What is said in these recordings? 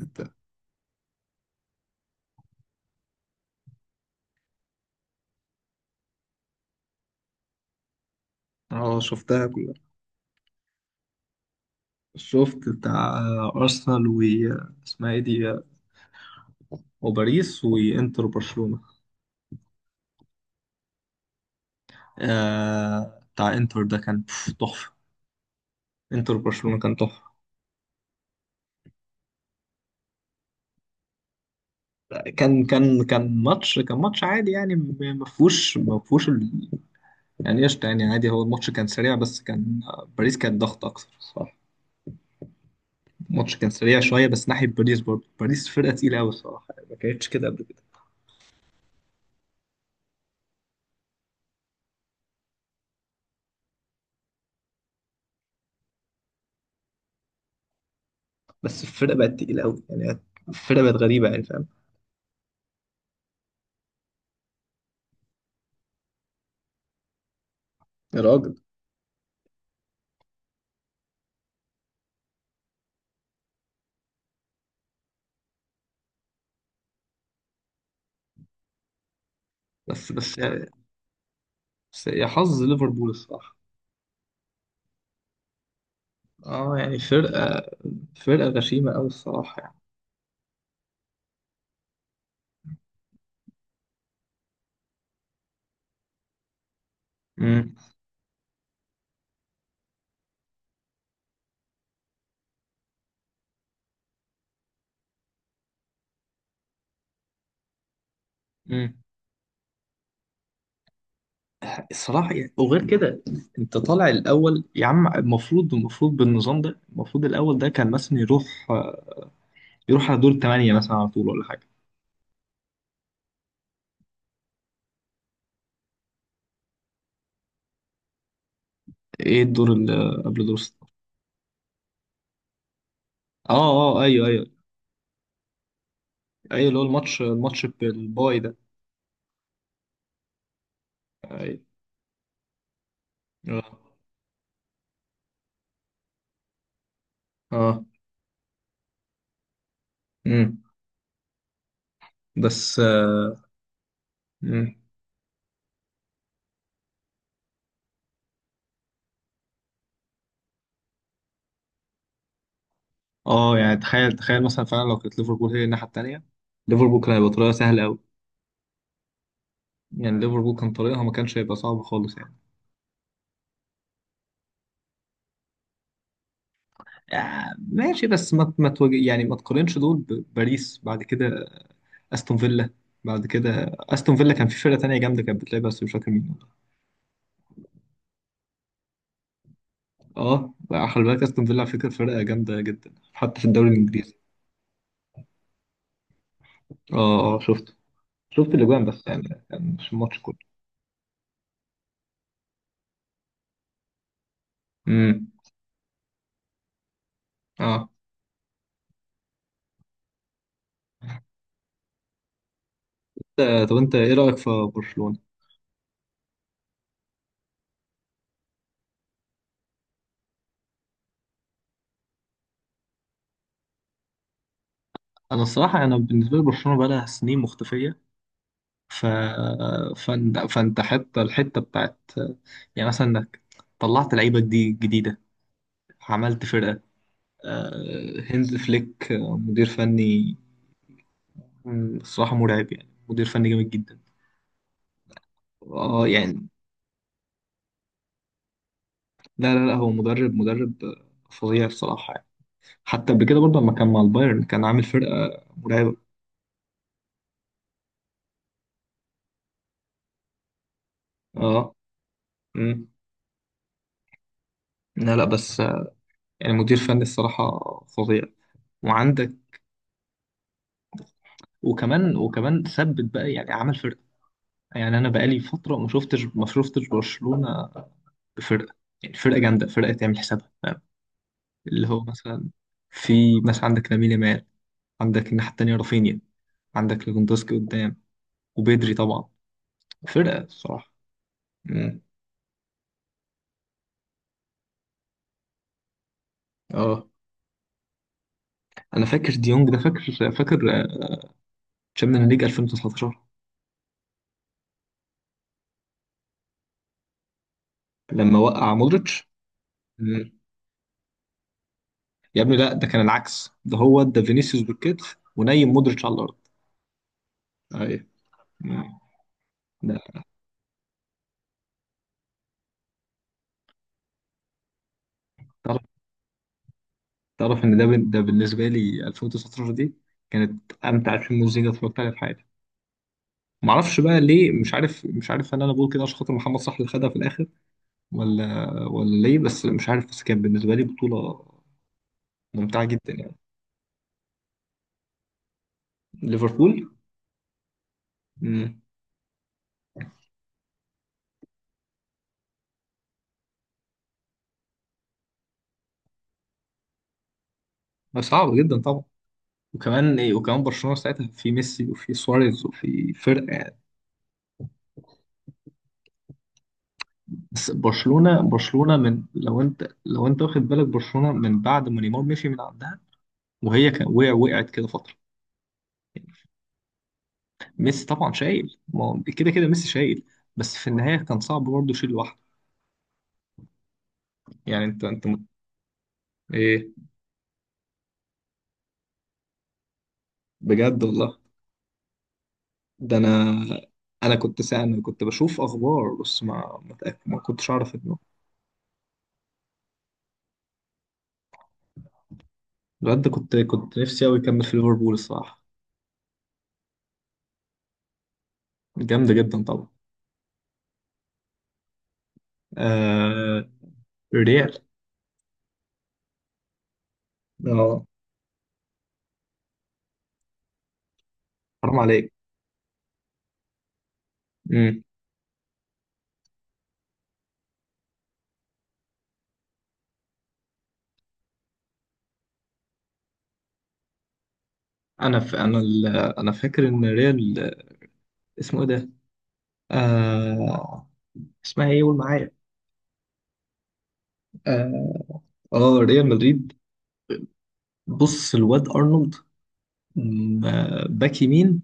انت. اه شفتها كلها. شفت بتاع ارسنال و اسمها ايه دي، وباريس وانتر برشلونة. آه، بتاع انتر ده كان تحفة. انتر برشلونة كان تحفة. كان ماتش، كان ماتش عادي يعني، ما فيهوش ال... يعني قشطة يعني عادي، هو الماتش كان سريع بس كان باريس كان ضغط اكتر، صح. الماتش كان سريع شوية بس ناحية باريس، برضه باريس فرقة تقيلة قوي الصراحة، ما كانتش كده قبل كده. بس الفرقة بقت تقيلة قوي يعني. الفرقة بقت غريبة يعني، فاهم. يا راجل. بس بس بس يا حظ ليفربول الصراحة. اه يعني، فرقة غشيمة أوي الصراحة يعني. امم امم الصراحة يعني، وغير كده أنت طالع الأول يا عم، المفروض بالنظام ده، المفروض الأول ده كان مثلا يروح، يروح على دور الثمانية مثلا على طول ولا حاجة. إيه الدور اللي قبل دور الستة؟ اه اه اه، أيوه أيوه. أيوه اللي هو الماتش، بالباي ده. أيوه. اه. اه. امم. بس مم. اه يعني، تخيل مثلا فعلا لو كانت ليفربول هي الناحيه التانيه، ليفربول كان هيبقى طريقها سهل قوي. يعني ليفربول كان طريقها ما كانش هيبقى صعب خالص يعني. آه ماشي، بس ما ما تواجه، يعني ما تقارنش دول بباريس بعد كده. استون فيلا. بعد كده استون فيلا، كان في فرقه تانيه جامده كانت بتلعب بس مش فاكر مين. اه بقى خلي بالك، استون فيلا على فكره فرقه جامده جدا حتى في الدوري الانجليزي. اه اه شفت. شفت الاجوان بس يعني، كان مش الماتش كله. امم. اه. آه، طب انت ايه رايك في برشلونه؟ انا الصراحه، انا بالنسبه لي برشلونه بقى لها سنين مختفيه. ف فانت حتى الحته بتاعت، يعني مثلا انك طلعت لعيبه دي جديده، عملت فرقه. هانز فليك، مدير فني. الصراحه مرعب يعني، مدير فني جامد جدا. اه يعني، لا لا لا هو مدرب فظيع الصراحه يعني. حتى قبل كده برضه لما كان مع البايرن كان عامل فرقه مرعبه. اه. مم. لا لا بس يعني مدير فني الصراحه فظيع. وعندك وكمان ثبت بقى يعني، عمل فرقه. يعني انا بقالي فتره ما شفتش برشلونه بفرقه، يعني فرقه جامده، فرقه تعمل حسابها، فاهم. اللي هو مثلا، في مثلا عندك لامين يامال، عندك الناحيه التانيه رافينيا، عندك ليفاندوسكي قدام، وبيدري طبعا. فرقه الصراحه. مم. اه انا فاكر ديونج ده، فاكر فاكر. تشامبيونز ليج 2019. لما وقع مودريتش. مم. يا ابني لا، ده كان العكس، ده هو ده فينيسيوس بالكتف ونايم مودريتش على الارض. ايوه. مم. ده تعرف ان ده ده بالنسبه لي 2019 دي كانت امتع فيلم مزيكا اتفرجت عليها في حياتي. ما اعرفش بقى ليه، مش عارف، مش عارف هل انا بقول كده عشان خاطر محمد صلاح اللي خدها في الاخر. ولا ليه، بس مش عارف، بس كانت بالنسبه لي بطوله ممتعه جدا يعني. ليفربول. امم. صعبه جدا طبعا. وكمان ايه، وكمان برشلونه ساعتها في ميسي وفي سواريز وفي فرقه يعني. بس برشلونه من، لو انت واخد بالك برشلونه من بعد ما نيمار مشي من عندها. وهي كان وقع، وقعت كده فتره. ميسي طبعا شايل، ما هو كده كده ميسي شايل، بس في النهاية كان صعب برضه يشيل لوحده. يعني ايه؟ بجد والله؟ ده انا، انا كنت بشوف اخبار بس ما كنتش اعرف انه. الواد ده كنت نفسي قوي يكمل في ليفربول الصراحة. جامدة جدا طبعا. آه... ريال. اه. حرام عليك. امم. انا ف... انا ال... انا فاكر ان ريال، اسمه ايه ده، آه... اسمها ايه قول معايا. اه. آه، ريال مدريد. بص الواد ارنولد، باك يمين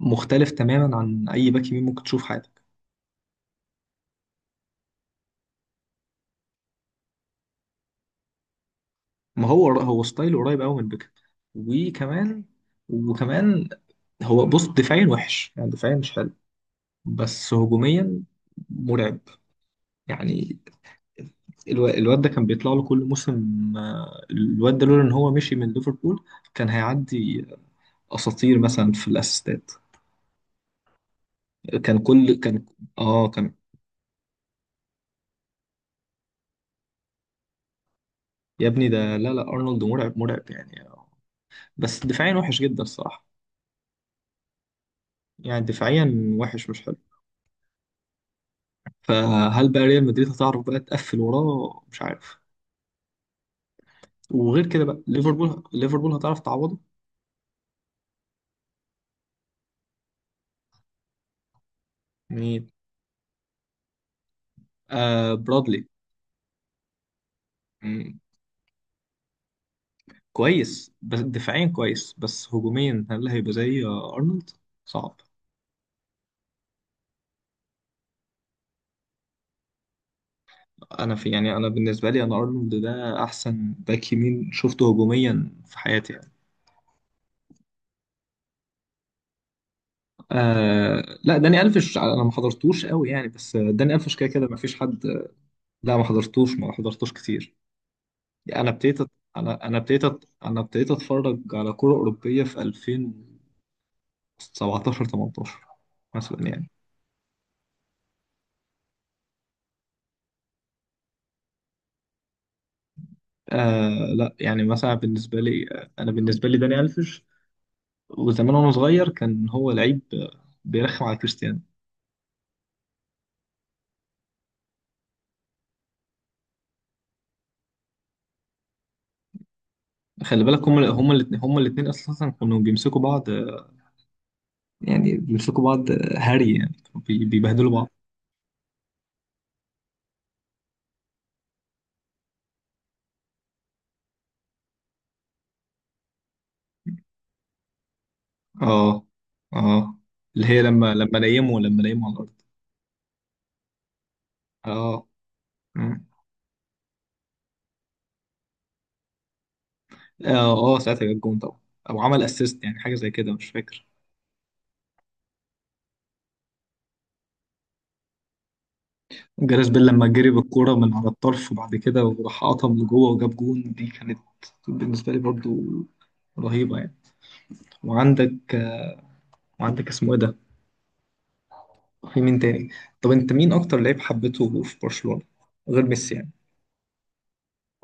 مختلف تماما عن اي باك يمين ممكن تشوف في حياتك. ما هو هو ستايله قريب قوي من بيكهام. وكمان وكمان هو بص، دفاعيا وحش يعني، دفاعيا مش حلو، بس هجوميا مرعب يعني. الواد ده كان بيطلع له كل موسم، الواد ده لولا ان هو مشي من ليفربول كان هيعدي اساطير مثلا في الاسيستات. كان كل كان اه كان. يا ابني ده، لا لا، ارنولد مرعب يعني، بس دفاعيا وحش جدا الصراحة. يعني دفاعيا وحش مش حلو. فهل بقى ريال مدريد هتعرف بقى تقفل وراه؟ مش عارف. وغير كده بقى، ليفربول هتعرف تعوضه؟ مين؟ آه برادلي. مم. كويس، بس دفاعيا كويس، بس هجوميا هل هيبقى زي أرنولد؟ صعب. أنا في يعني، أنا بالنسبة لي، أنا أرنولد ده أحسن باك يمين شفته هجوميا في حياتي يعني. آه لا، داني ألفيش أنا ما حضرتوش قوي يعني، بس داني ألفيش كده كده ما فيش حد. لا ما حضرتوش كتير. انا ابتديت أت- انا ابتديت اتفرج على كرة أوروبية في 2017، 18 مثلا يعني. آه لا يعني مثلا بالنسبة لي انا بالنسبة لي داني ألفيش. وزمان وانا صغير كان هو لعيب بيرخم على كريستيانو. خلي بالك، هما الاثنين اساسا كانوا بيمسكوا بعض، يعني بيمسكوا بعض هري يعني، كانوا بيبهدلوا بعض. اه اه. اللي هي لما، لما نيموا على الارض. اه. اه. آه، ساعتها جاب جون طبعا، او عمل اسيست، يعني حاجه زي كده مش فاكر. جاريث بيل لما جري بالكوره من على الطرف وبعد كده وراح قطم لجوه وجاب جون، دي كانت بالنسبه لي برضو رهيبه يعني. وعندك وعندك اسمه ايه ده، في مين تاني؟ طب انت مين اكتر لعيب حبيته في برشلونه غير ميسي يعني؟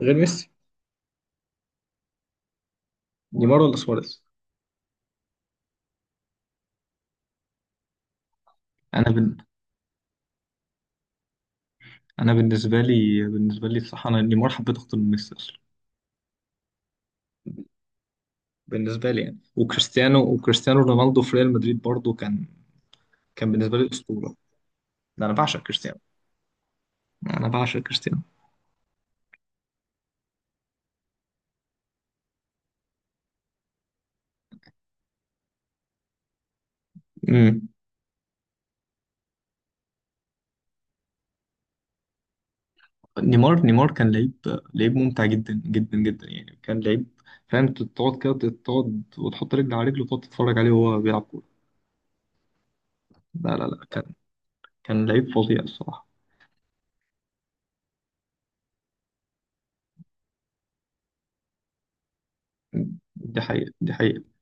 غير ميسي. نيمار ولا سواريز؟ انا بن... انا بالنسبه لي، بصراحه انا نيمار حبيته اكتر من ميسي اصلا. بالنسبه لي يعني، وكريستيانو رونالدو في ريال مدريد برضو كان، كان بالنسبه لي اسطوره. ده انا بعشق كريستيانو، انا بعشق كريستيانو. امم. نيمار كان لعيب، لعيب ممتع جدا جدا جدا يعني، كان لعيب فاهم؟ تقعد كده، تقعد وتحط رجل على رجل وتقعد تتفرج عليه وهو بيلعب كوره. لا لا لا كان، كان لعيب فظيع الصراحه. دي حقيقه، دي حقيقه.